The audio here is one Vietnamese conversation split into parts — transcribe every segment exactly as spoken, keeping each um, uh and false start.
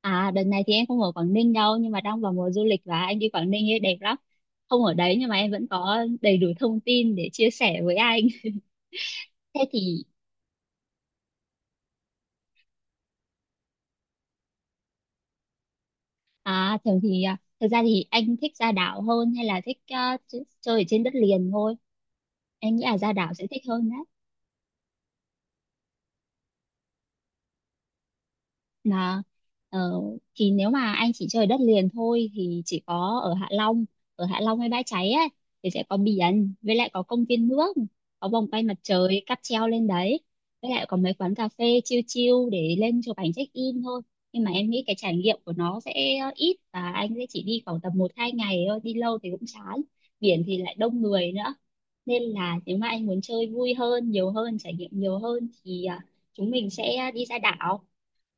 À đợt này thì em không ở Quảng Ninh đâu, nhưng mà đang vào mùa du lịch và anh đi Quảng Ninh ấy đẹp lắm. Không ở đấy nhưng mà em vẫn có đầy đủ thông tin để chia sẻ với anh. Thế thì à thường thì, à, thực ra thì anh thích ra đảo hơn hay là thích, à, ch- chơi ở trên đất liền thôi? Em nghĩ là ra đảo sẽ thích hơn là, ờ, thì nếu mà anh chỉ chơi đất liền thôi thì chỉ có ở Hạ Long ở Hạ Long hay Bãi Cháy ấy, thì sẽ có biển, với lại có công viên nước, có vòng quay mặt trời, cáp treo lên đấy, với lại có mấy quán cà phê chill chill để lên chụp ảnh check in thôi. Nhưng mà em nghĩ cái trải nghiệm của nó sẽ ít, và anh sẽ chỉ đi khoảng tầm một hai ngày thôi, đi lâu thì cũng chán. Biển thì lại đông người nữa, nên là nếu mà anh muốn chơi vui hơn, nhiều hơn, trải nghiệm nhiều hơn thì à, chúng mình sẽ đi ra đảo.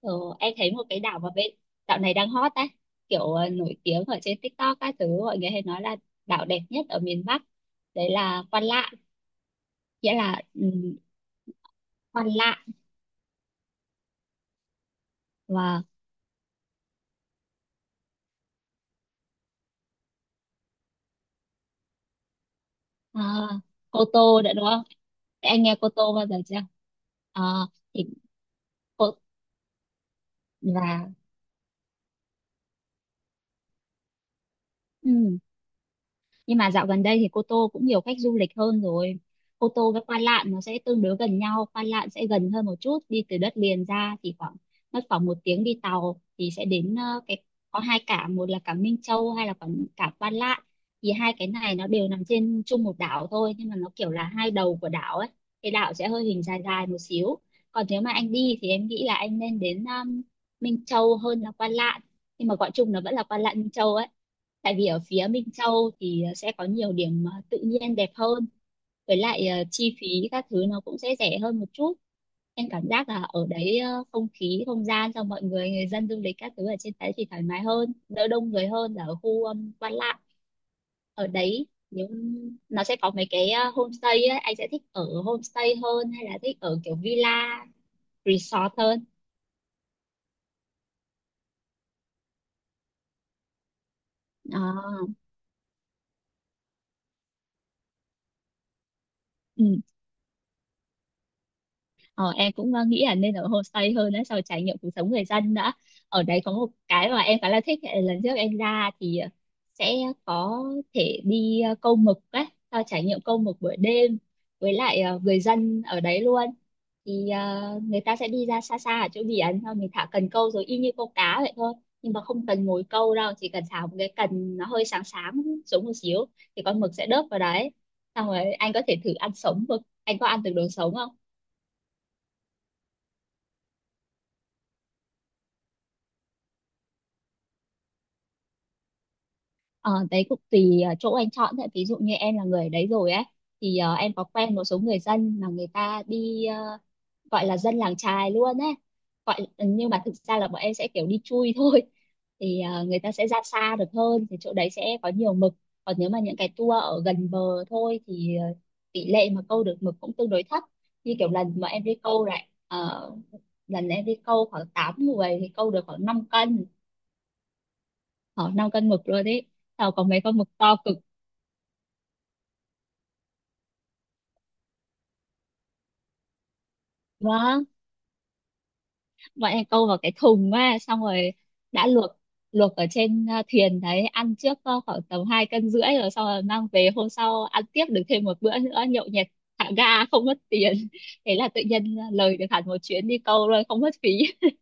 Ờ, em thấy một cái đảo mà bên dạo này đang hot ấy, kiểu ờ, nổi tiếng ở trên TikTok các thứ, mọi người hay nói là đảo đẹp nhất ở miền Bắc, đấy là Quan Lạn. Nghĩa là, um, Quan Lạn và à, Cô Tô đã, đúng không, em nghe Cô Tô bao giờ chưa? Ờ, thì cô và ừ, nhưng mà dạo gần đây thì Cô Tô cũng nhiều khách du lịch hơn rồi. Cô Tô với Quan Lạn nó sẽ tương đối gần nhau, Quan Lạn sẽ gần hơn một chút, đi từ đất liền ra thì khoảng, mất khoảng một tiếng đi tàu thì sẽ đến ờ, cái, có hai cảng, một là cảng Minh Châu hay là cảng cảng Quan Lạn. Thì hai cái này nó đều nằm trên chung một đảo thôi, nhưng mà nó kiểu là hai đầu của đảo ấy, cái đảo sẽ hơi hình dài dài một xíu. Còn nếu mà anh đi thì em nghĩ là anh nên đến, um, Minh Châu hơn là Quan Lạn, nhưng mà gọi chung nó vẫn là Quan Lạn Minh Châu ấy. Tại vì ở phía Minh Châu thì, ờ, sẽ có nhiều điểm, ờ, tự nhiên đẹp hơn, với lại ờ, chi phí các thứ nó cũng sẽ rẻ hơn một chút. Em cảm giác là ở đấy, ờ, không khí không gian cho mọi người, người dân du lịch các thứ ở trên đấy thì thoải mái hơn, đỡ đông người hơn là ở khu, um, Quan Lạn. Ở đấy nếu nó sẽ có mấy cái, ờ, homestay ấy, anh sẽ thích ở homestay hơn hay là thích ở kiểu villa resort hơn? à, ừ. Ờ, em cũng ờ, nghĩ là nên ở homestay hơn đã, sau trải nghiệm cuộc sống người dân đã. Ở đấy có một cái mà em khá là thích là lần trước em ra thì, ờ, sẽ có thể đi, ờ, câu mực ấy, sau trải nghiệm câu mực buổi đêm với lại, ờ, người dân ở đấy luôn. Thì, ờ, người ta sẽ đi ra xa xa ở chỗ biển, xong mình thả cần câu rồi y như câu cá vậy thôi. Nhưng mà không cần ngồi câu đâu, chỉ cần thả một cái cần nó hơi sáng sáng xuống một xíu thì con mực sẽ đớp vào đấy. Xong rồi anh có thể thử ăn sống mực. Anh có ăn được đồ sống không? Ờ, đấy cũng tùy ờ, chỗ anh chọn thôi. Ví dụ như em là người ở đấy rồi ấy thì, ờ, em có quen một số người dân mà người ta đi, ờ, gọi là dân làng chài luôn ấy, gọi ừ, nhưng mà thực ra là bọn em sẽ kiểu đi chui thôi. Thì ờ, người ta sẽ ra xa được hơn thì chỗ đấy sẽ có nhiều mực, còn nếu mà những cái tour ở gần bờ thôi thì, ờ, tỷ lệ mà câu được mực cũng tương đối thấp. Như kiểu lần mà em đi câu lại, ờ, lần em đi câu khoảng tám người thì câu được khoảng năm cân, khoảng năm cân mực luôn đấy. Tàu có mấy con mực to cực. Vâng, bọn em câu vào cái thùng á, xong rồi đã luộc luộc ở trên ờ, thuyền đấy, ăn trước ờ, khoảng tầm hai cân rưỡi rồi, xong rồi mang về hôm sau ăn tiếp được thêm một bữa nữa, nhậu nhẹt thả ga không mất tiền. Thế là tự nhiên à, lời được hẳn một chuyến đi câu rồi, không mất phí.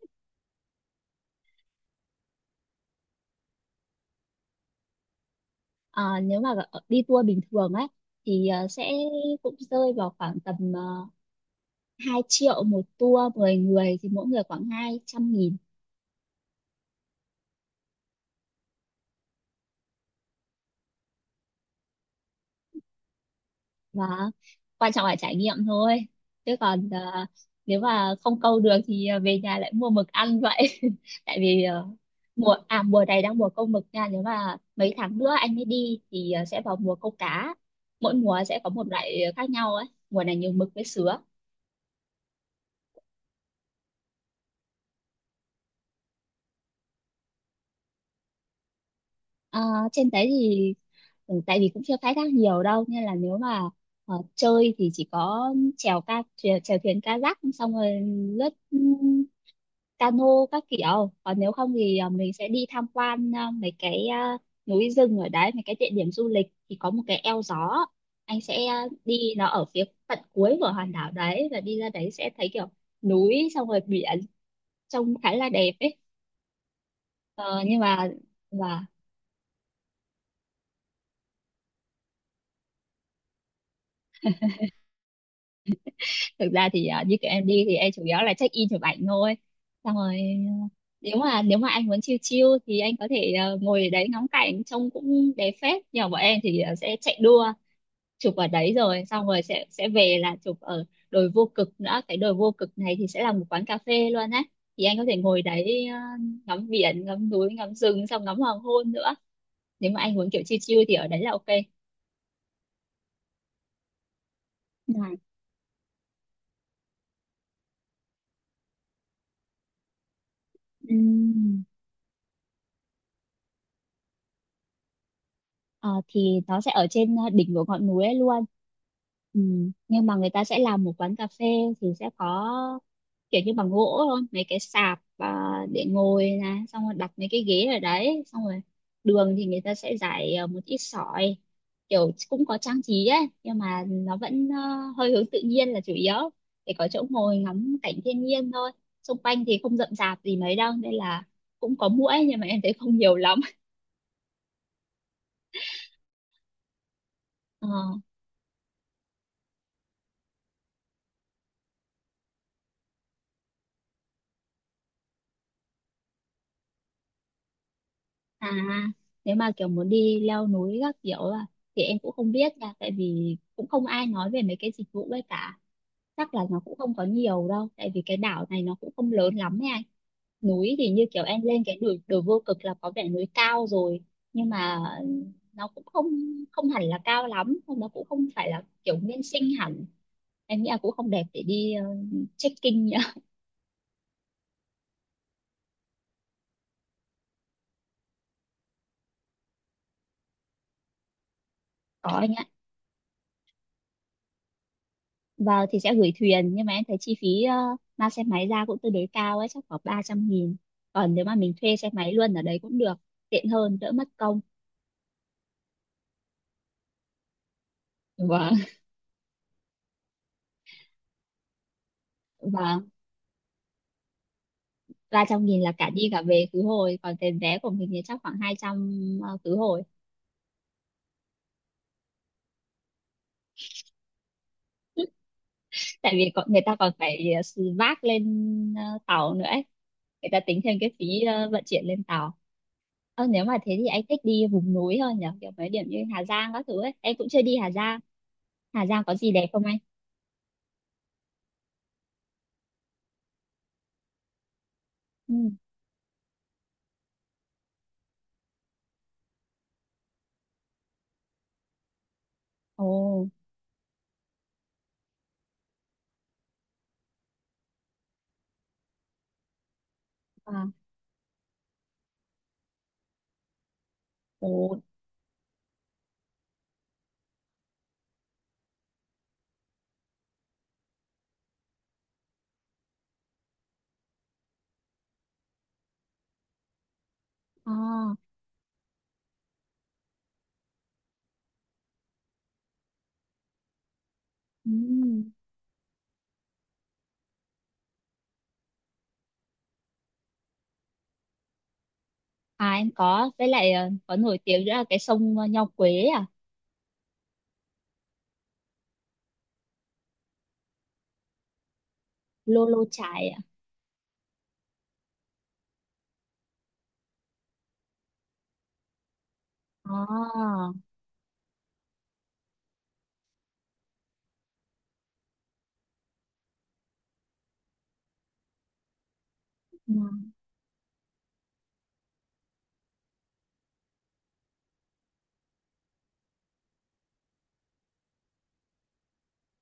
Ờ, nếu mà ở- đi tour bình thường ấy thì ờ, sẽ cũng rơi vào khoảng tầm, uh, hai triệu một tour, mười người thì mỗi người khoảng hai trăm nghìn. và quan trọng là trải nghiệm thôi, chứ còn ờ, nếu mà không câu được thì ờ, về nhà lại mua mực ăn vậy. Tại vì ờ, mùa à mùa này đang mùa câu mực nha. Nếu mà mấy tháng nữa anh mới đi thì ờ, sẽ vào mùa câu cá, mỗi mùa sẽ có một loại ờ, khác nhau ấy, mùa này nhiều mực với sứa. Ờ, trên đấy thì ừ, tại vì cũng chưa khai thác nhiều đâu nên là nếu mà ờ, chơi thì chỉ có chèo ca chèo, chèo thuyền kayak, xong rồi lướt cano các kiểu. Còn nếu không thì à, mình sẽ đi tham quan à, mấy cái à, núi rừng ở đấy, mấy cái địa điểm du lịch thì có một cái eo gió. Anh sẽ à, đi, nó ở phía tận cuối của hòn đảo đấy và đi ra đấy sẽ thấy kiểu núi xong rồi biển, trông khá là đẹp ấy. Ờ, nhưng mà và thực ra thì à, như kiểu em đi thì em chủ yếu là check in chụp ảnh thôi, xong rồi à, nếu mà nếu mà anh muốn chill chill thì anh có thể à, ngồi ở đấy ngắm cảnh, trông cũng đẹp phết. Nhưng mà bọn em thì à, sẽ chạy đua chụp ở đấy rồi, xong rồi sẽ sẽ về là chụp ở đồi vô cực nữa. Cái đồi vô cực này thì sẽ là một quán cà phê luôn á, thì anh có thể ngồi đấy, ờ, ngắm biển, ngắm núi, ngắm rừng, xong ngắm hoàng hôn nữa. Nếu mà anh muốn kiểu chill chill thì ở đấy là ok. Này, ừm, ờ, thì nó sẽ ở trên ờ, đỉnh của ngọn núi ấy luôn. Ừm, Nhưng mà người ta sẽ làm một quán cà phê, thì sẽ có kiểu như bằng gỗ thôi, mấy cái sạp à, để ngồi này, xong rồi đặt mấy cái ghế ở đấy, xong rồi đường thì người ta sẽ rải à, một ít sỏi, kiểu cũng có trang trí ấy, nhưng mà nó vẫn à, hơi hướng tự nhiên là chủ yếu, để có chỗ ngồi ngắm cảnh thiên nhiên thôi. Xung quanh thì không rậm rạp gì mấy đâu nên là cũng có muỗi, nhưng mà em thấy không nhiều lắm. Ờ, à nếu mà kiểu muốn đi leo núi các kiểu à, thì em cũng không biết nha, tại vì cũng không ai nói về mấy cái dịch vụ ấy cả. Chắc là nó cũng không có nhiều đâu, tại vì cái đảo này nó cũng không lớn lắm ấy anh. Núi thì như kiểu em lên cái đồi đồi vô cực là có vẻ núi cao rồi, nhưng mà nó cũng không không hẳn là cao lắm, nó cũng không phải là kiểu nguyên sinh hẳn. Em nghĩ là cũng không đẹp để đi ờ, trekking nhá. Có anh ạ, và thì sẽ gửi thuyền, nhưng mà em thấy chi phí, uh, mang xe máy ra cũng tương đối cao ấy, chắc khoảng ba trăm nghìn. Còn nếu mà mình thuê xe máy luôn ở đấy cũng được, tiện hơn đỡ mất công. Vâng, và ba trăm nghìn là cả đi cả về khứ hồi, còn tiền vé của mình thì chắc khoảng hai trăm, ờ, khứ hồi. Tại vì còn, người ta còn phải ờ, xì vác lên ờ, tàu nữa ấy. Người ta tính thêm cái phí ờ, vận chuyển lên tàu. Ờ, nếu mà thế thì anh thích đi vùng núi hơn nhỉ, kiểu mấy điểm như Hà Giang các thứ ấy, em cũng chưa đi Hà Giang. Hà Giang có gì đẹp không anh? Ừ. Ồ. À, ồ. À, ừ. À em có, với lại ờ, có nổi tiếng nữa là cái sông, ờ, Nho Quế à. Lô Lô Chải à. À.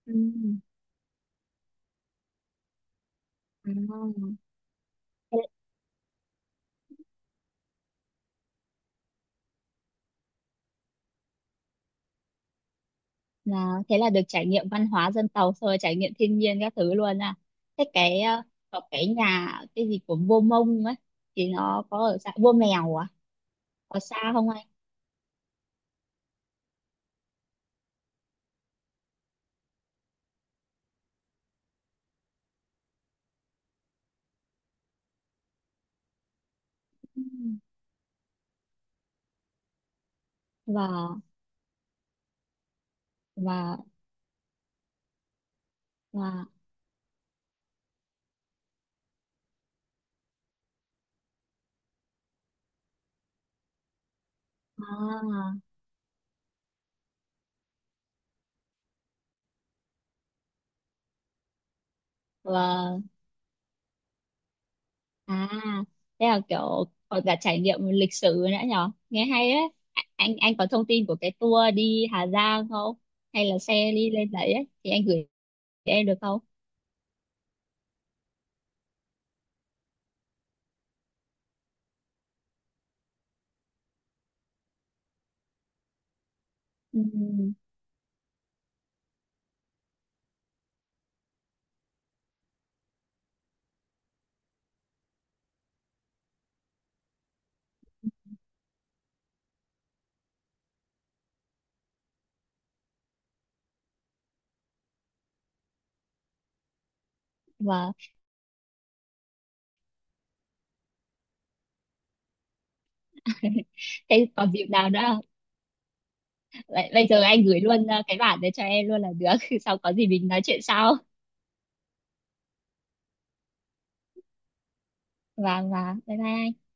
Ừ. À, thế là thế là được trải nghiệm văn hóa dân tộc, xong rồi trải nghiệm thiên nhiên các thứ luôn à. Thế cái, ờ, có cái nhà cái gì của vua Mông ấy, thì nó có ở xã vua Mèo à, có xa không anh? Ừ. và và và à và à thế là kiểu còn cả trải nghiệm lịch sử nữa nhở, nghe hay ấy. A- anh anh có thông tin của cái tour đi Hà Giang không, hay là xe đi lên đấy ấy thì anh gửi cho em được không? Ừ. Thế còn dịp nào nữa không? Vậy bây giờ anh gửi luôn ờ, cái bản đấy cho em luôn là được. Sau có gì mình nói chuyện sau. Vâng, vâng. Bye bye.